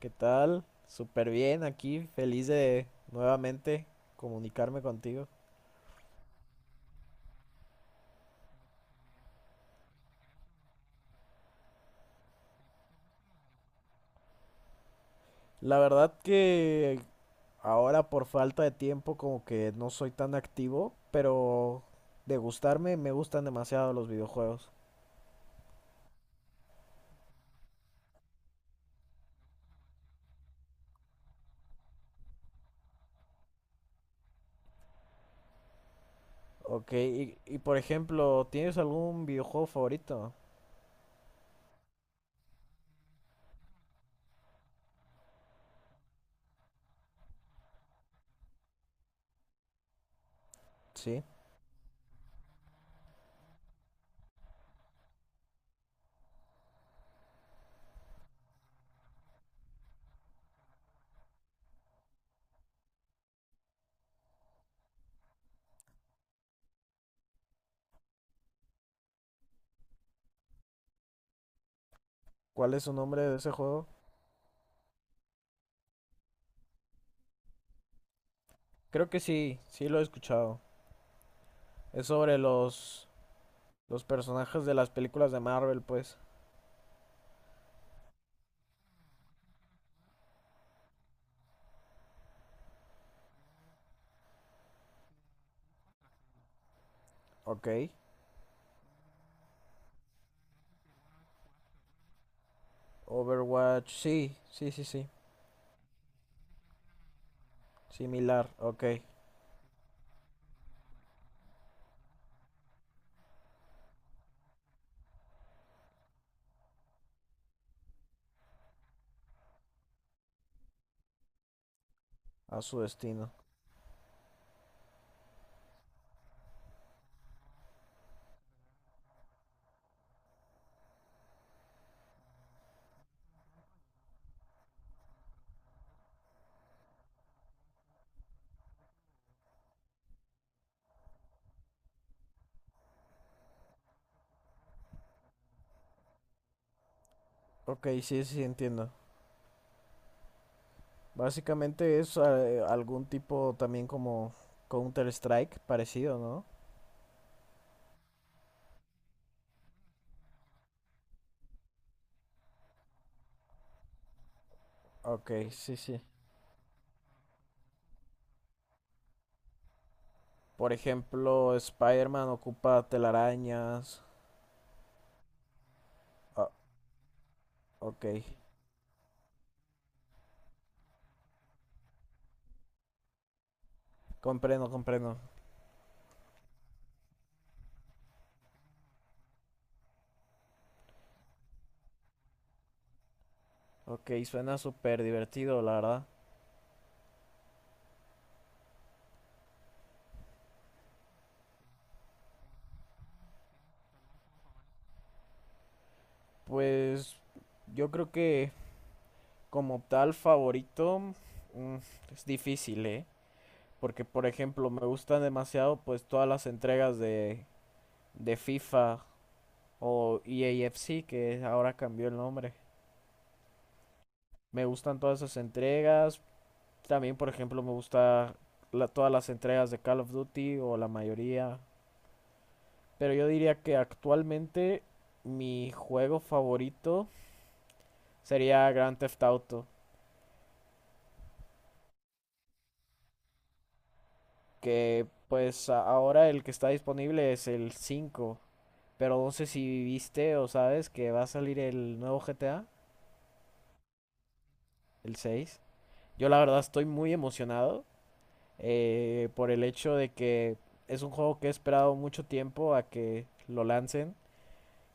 ¿Qué tal? Súper bien aquí, feliz de nuevamente comunicarme contigo. La verdad que ahora por falta de tiempo como que no soy tan activo, pero de gustarme me gustan demasiado los videojuegos. Ok, y por ejemplo, ¿tienes algún videojuego favorito? Sí. ¿Cuál es su nombre de ese juego? Creo que sí, sí lo he escuchado. Es sobre los personajes de las películas de Marvel, pues. Ok. Overwatch, sí, sí, sí, sí. Similar, ok, a su destino. Ok, sí, sí, entiendo. Básicamente es algún tipo también como Counter-Strike parecido, ¿no? Ok, sí, sí. Por ejemplo, Spider-Man ocupa telarañas. Ah, ok, comprendo, comprendo. Ok, suena súper divertido, la verdad. Pues yo creo que como tal favorito mm, es difícil, ¿eh? Porque, por ejemplo, me gustan demasiado pues todas las entregas de FIFA o EAFC, que ahora cambió el nombre. Me gustan todas esas entregas. También, por ejemplo, me gusta todas las entregas de Call of Duty o la mayoría. Pero yo diría que actualmente mi juego favorito sería Grand Theft Auto, que pues ahora el que está disponible es el cinco. Pero no sé si viste o sabes que va a salir el nuevo GTA, ¿el 6? Yo la verdad estoy muy emocionado, por el hecho de que es un juego que he esperado mucho tiempo a que lo lancen,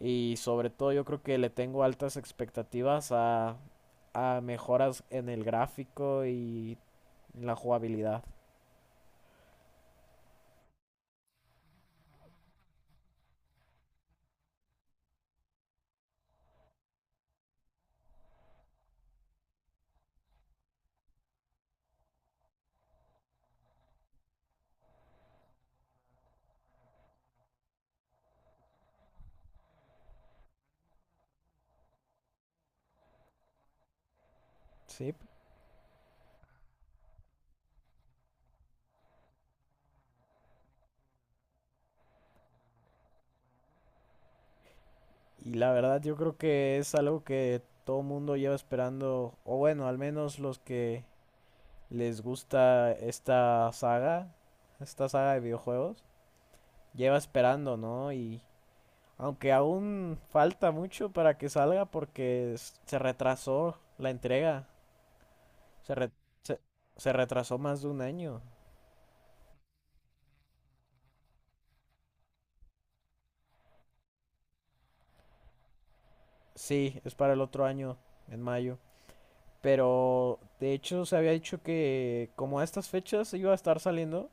y sobre todo yo creo que le tengo altas expectativas a mejoras en el gráfico y en la jugabilidad. Sí, y la verdad yo creo que es algo que todo mundo lleva esperando, o bueno, al menos los que les gusta esta saga de videojuegos, lleva esperando, ¿no? Y aunque aún falta mucho para que salga porque se retrasó la entrega. Se, re- se- se retrasó más de un año. Sí, es para el otro año, en mayo. Pero de hecho se había dicho que como a estas fechas iba a estar saliendo,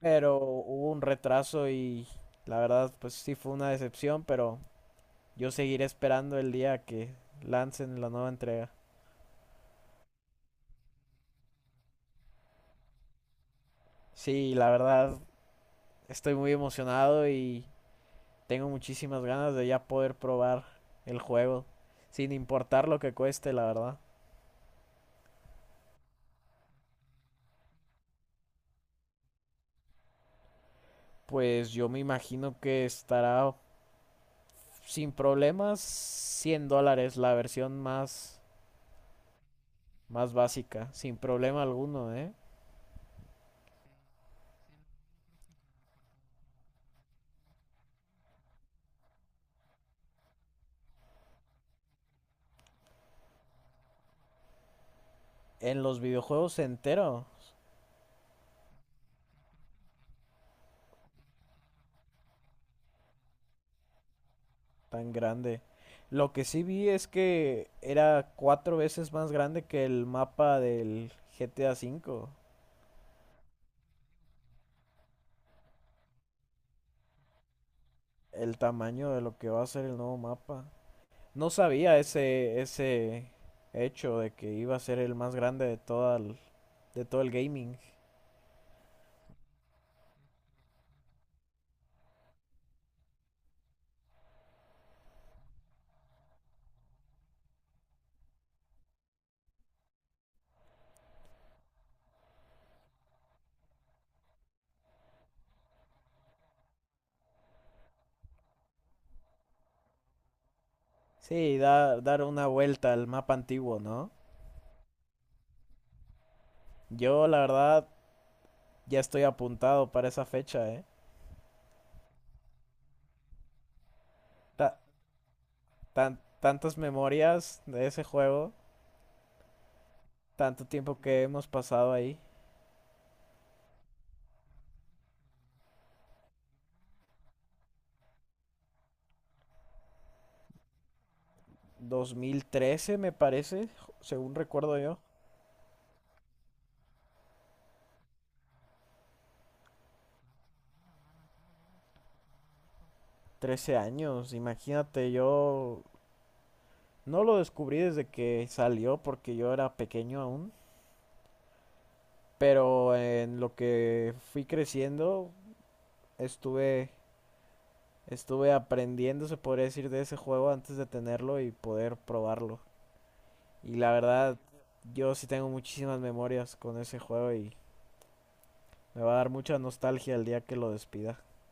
pero hubo un retraso y la verdad pues sí fue una decepción, pero yo seguiré esperando el día que lancen la nueva entrega. Sí, la verdad estoy muy emocionado y... Tengo muchísimas ganas de ya poder probar el juego, sin importar lo que cueste, la verdad. Pues yo me imagino que estará sin problemas 100 dólares la versión más, más básica, sin problema alguno, ¿eh? En los videojuegos enteros, tan grande. Lo que sí vi es que era cuatro veces más grande que el mapa del GTA cinco. El tamaño de lo que va a ser el nuevo mapa. No sabía ese hecho de que iba a ser el más grande de toda de todo el gaming. Sí, dar una vuelta al mapa antiguo, ¿no? Yo, la verdad, ya estoy apuntado para esa fecha, ¿eh? Ta- tantas memorias de ese juego, tanto tiempo que hemos pasado ahí. 2013, me parece, según recuerdo yo. 13 años, imagínate, yo no lo descubrí desde que salió porque yo era pequeño aún. Pero en lo que fui creciendo, estuve, estuve aprendiendo, se podría decir, de ese juego antes de tenerlo y poder probarlo. Y la verdad, yo sí tengo muchísimas memorias con ese juego y me va a dar mucha nostalgia el día que lo despida.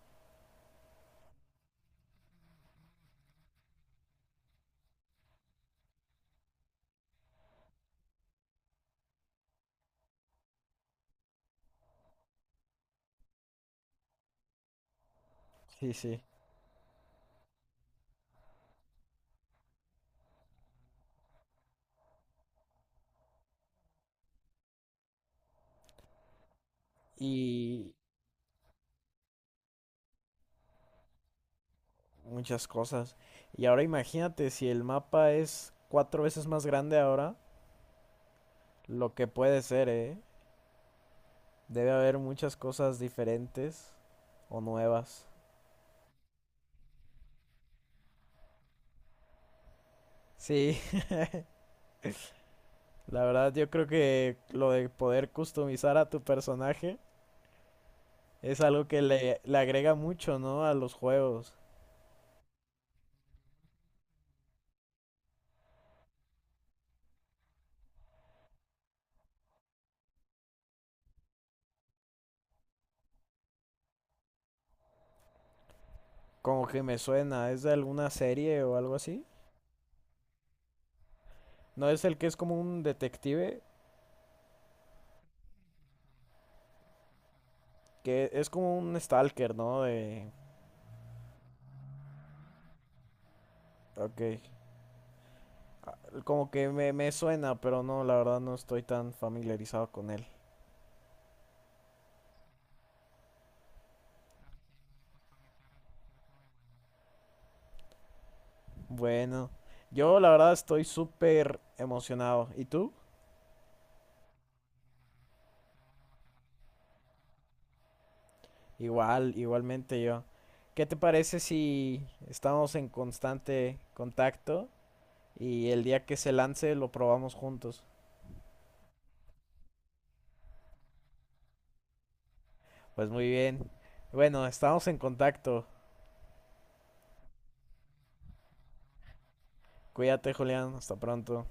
Sí, sí. Y muchas cosas. Y ahora imagínate, si el mapa es cuatro veces más grande ahora, lo que puede ser, ¿eh? Debe haber muchas cosas diferentes o nuevas. Sí. La verdad, yo creo que lo de poder customizar a tu personaje es algo que le agrega mucho, ¿no? A los juegos. Como que me suena, ¿es de alguna serie o algo así? No, es el que es como un detective, que es como un stalker, ¿no? De... Ok. Como que me suena, pero no, la verdad no estoy tan familiarizado con él. Bueno, yo la verdad estoy súper emocionado. ¿Y tú? Igual, igualmente yo. ¿Qué te parece si estamos en constante contacto y el día que se lance lo probamos juntos? Pues muy bien. Bueno, estamos en contacto. Cuídate, Julián. Hasta pronto.